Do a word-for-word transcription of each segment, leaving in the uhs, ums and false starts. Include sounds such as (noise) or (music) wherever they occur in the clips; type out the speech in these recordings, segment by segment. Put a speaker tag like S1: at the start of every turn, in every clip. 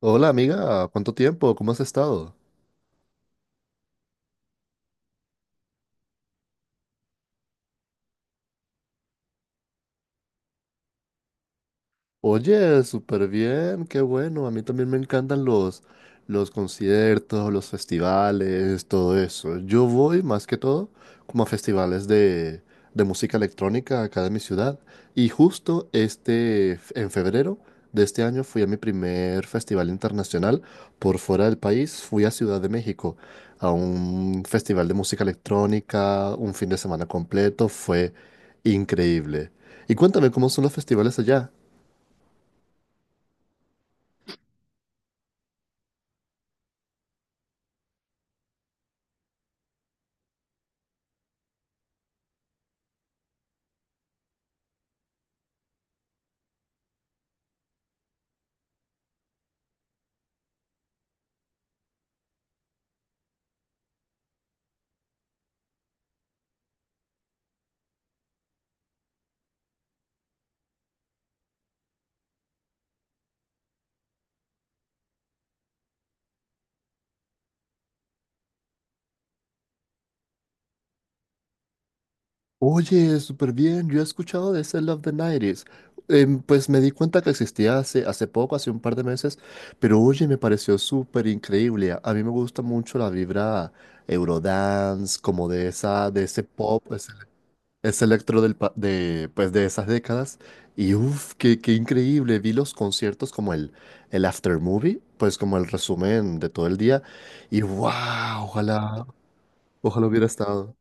S1: Hola amiga, ¿cuánto tiempo? ¿Cómo has estado? Oye, súper bien, qué bueno. A mí también me encantan los, los conciertos, los festivales, todo eso. Yo voy más que todo como a festivales de, de música electrónica acá de mi ciudad. Y justo este, f- en febrero de este año fui a mi primer festival internacional por fuera del país. Fui a Ciudad de México a un festival de música electrónica, un fin de semana completo. Fue increíble. Y cuéntame, ¿cómo son los festivales allá? Oye, súper bien. Yo he escuchado de ese Love the Nineties. Em, pues me di cuenta que existía hace, hace poco, hace un par de meses, pero oye, me pareció súper increíble. A a mí me gusta mucho la vibra Eurodance, como de esa, de ese pop, ese, ese electro del, pa- de, pues de esas décadas. Y uff, qué, qué increíble. Vi los conciertos como el, el after movie, pues como el resumen de todo el día. Y wow, ojalá, ojalá hubiera estado.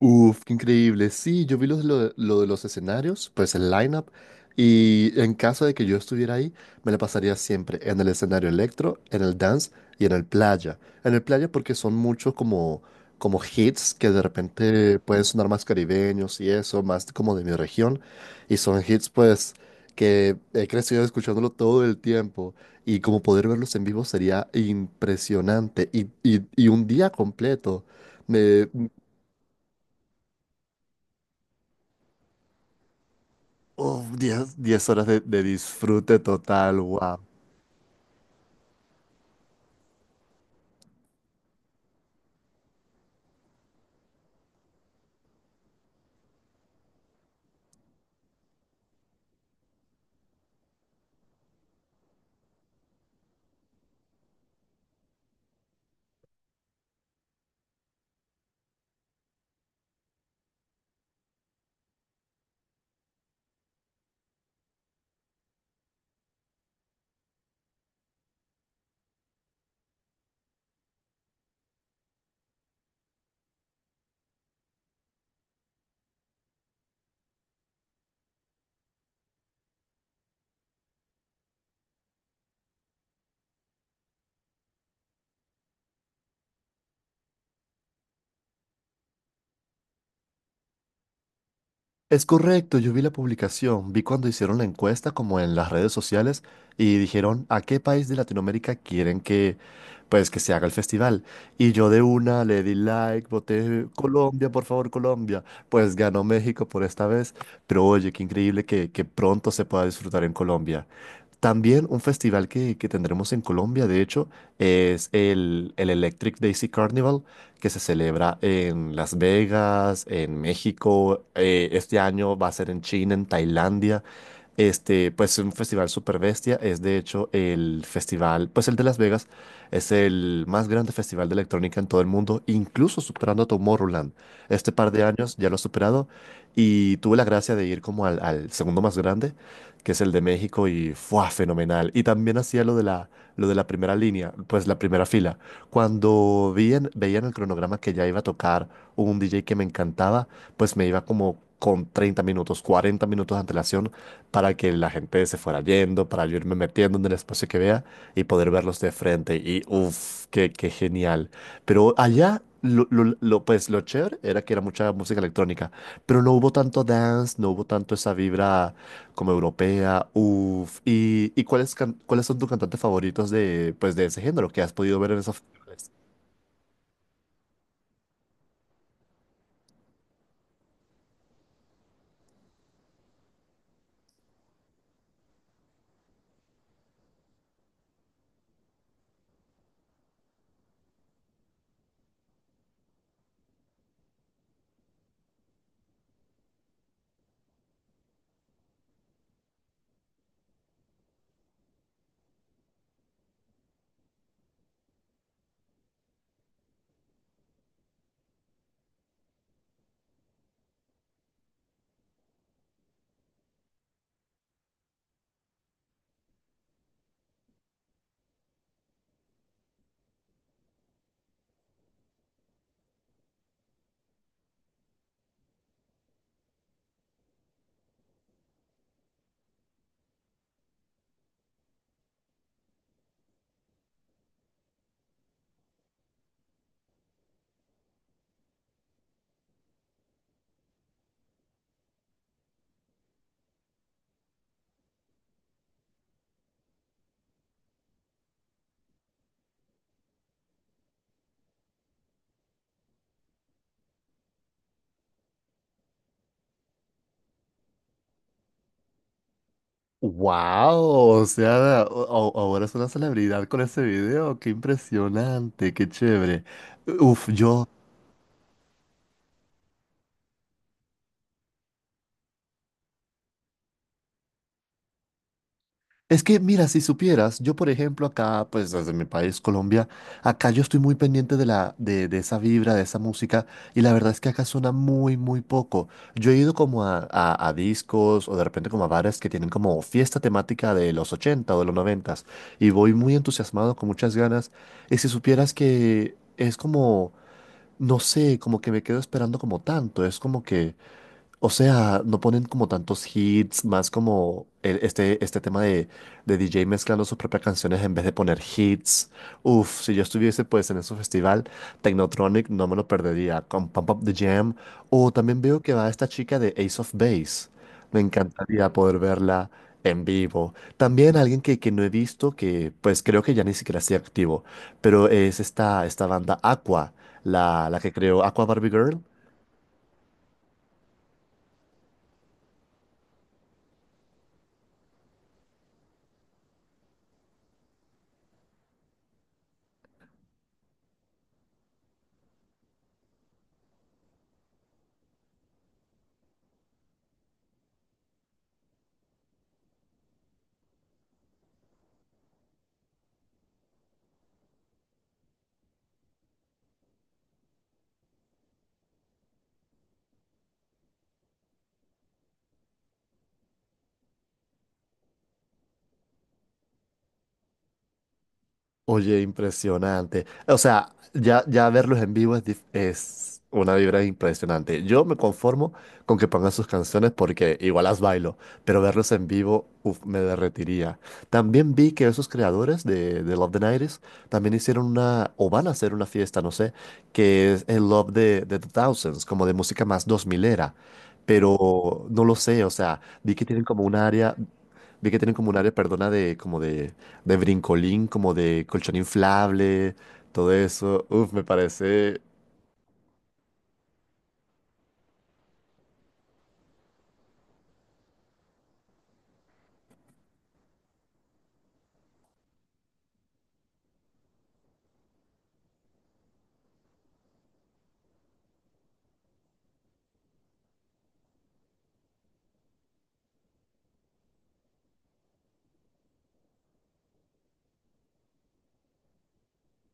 S1: Uf, qué increíble. Sí, yo vi los- lo, de lo de los escenarios, pues el lineup. Y en caso de que yo estuviera ahí, me la pasaría siempre en el escenario electro, en el dance y en el playa. En el playa porque son muchos como, como hits que de repente pueden sonar más caribeños y eso, más como de mi región. Y son hits pues que he crecido escuchándolo todo el tiempo. Y como poder verlos en vivo sería impresionante. Y, y, y un día completo. Uf, diez 10 horas de, de disfrute total, wow. Es correcto, yo vi la publicación, vi cuando hicieron la encuesta como en las redes sociales y dijeron a qué país de Latinoamérica quieren que pues que se haga el festival. Y yo de una le di like, voté Colombia, por favor, Colombia. Pues ganó México por esta vez, pero oye, qué increíble que, que pronto se pueda disfrutar en Colombia. También un festival que, que tendremos en Colombia, de hecho, es el, el Electric Daisy Carnival, que se celebra en Las Vegas, en México. Eh, este año va a ser en China, en Tailandia. Este, pues es un festival super bestia. Es de hecho el festival, pues el de Las Vegas, es el más grande festival de electrónica en todo el mundo, incluso superando a Tomorrowland. Este par de años ya lo ha superado y tuve la gracia de ir como al al segundo más grande que es el de México y fue fenomenal. Y también hacía lo de la, lo de la primera línea, pues la primera fila. Cuando vi en- veía en el cronograma que ya iba a tocar un D J que me encantaba, pues me iba como con treinta minutos, cuarenta minutos de antelación para que la gente se fuera yendo, para yo irme metiendo en el espacio que vea y poder verlos de frente. Y uff, qué, qué genial. Pero allá, Lo, lo, lo, pues lo chévere era que era mucha música electrónica, pero no hubo tanto dance, no hubo tanto esa vibra como europea, uff. ¿Y, y cuáles, can- cuáles son tus cantantes favoritos de, pues, de ese género que has podido ver en esos festivales? ¡Wow! O sea, o- o- ahora es una celebridad con ese video. ¡Qué impresionante! ¡Qué chévere! Uf, yo, es que, mira, si supieras, yo por ejemplo acá, pues desde mi país, Colombia, acá yo estoy muy pendiente de la, de, de esa vibra, de esa música, y la verdad es que acá suena muy, muy poco. Yo he ido como a, a- a discos o de repente como a bares que tienen como fiesta temática de los ochenta o de los noventa y voy muy entusiasmado, con muchas ganas, y si supieras que es como, no sé, como que me quedo esperando como tanto, es como que... O sea, no ponen como tantos hits, más como el- este, este tema de, de D J mezclando sus propias canciones en vez de poner hits. Uf, si yo estuviese pues en ese festival, Technotronic no me lo perdería, con Pump Up the Jam. O también veo que va esta chica de Ace of Base. Me encantaría poder verla en vivo. También alguien que, que no he visto, que pues creo que ya ni siquiera sigue activo, pero es esta, esta banda Aqua, la, la que creó Aqua Barbie Girl. Oye, impresionante. O sea, ya, ya verlos en vivo es, dif- es una vibra impresionante. Yo me conformo con que pongan sus canciones porque igual las bailo, pero verlos en vivo, uf, me derretiría. También vi que esos creadores de, de Love the noventa también hicieron una, o van a hacer una fiesta, no sé, que es el Love de, de the Thousands, como de música más dos milera, pero no lo sé, o sea, vi que tienen como un área. Vi que tienen como un área, perdona, de como de, de brincolín, como de colchón inflable, todo eso. Uf, me parece.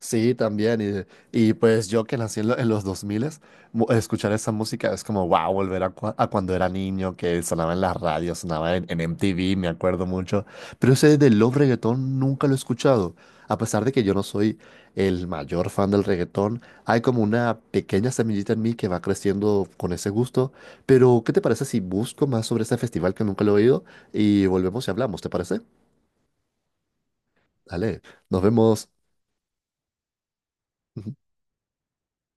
S1: Sí, también. Y, y pues yo que nací en, lo- en los dos mu- escuchar esa música es como, wow, volver a, cua- a cuando era niño, que sonaba en las radios, sonaba en, en M T V, me acuerdo mucho. Pero ese del love reggaetón nunca lo he escuchado. A pesar de que yo no soy el mayor fan del reggaetón, hay como una pequeña semillita en mí que va creciendo con ese gusto. Pero, ¿qué te parece si busco más sobre ese festival que nunca lo he oído y volvemos y hablamos? ¿Te parece? Dale, nos vemos. (laughs)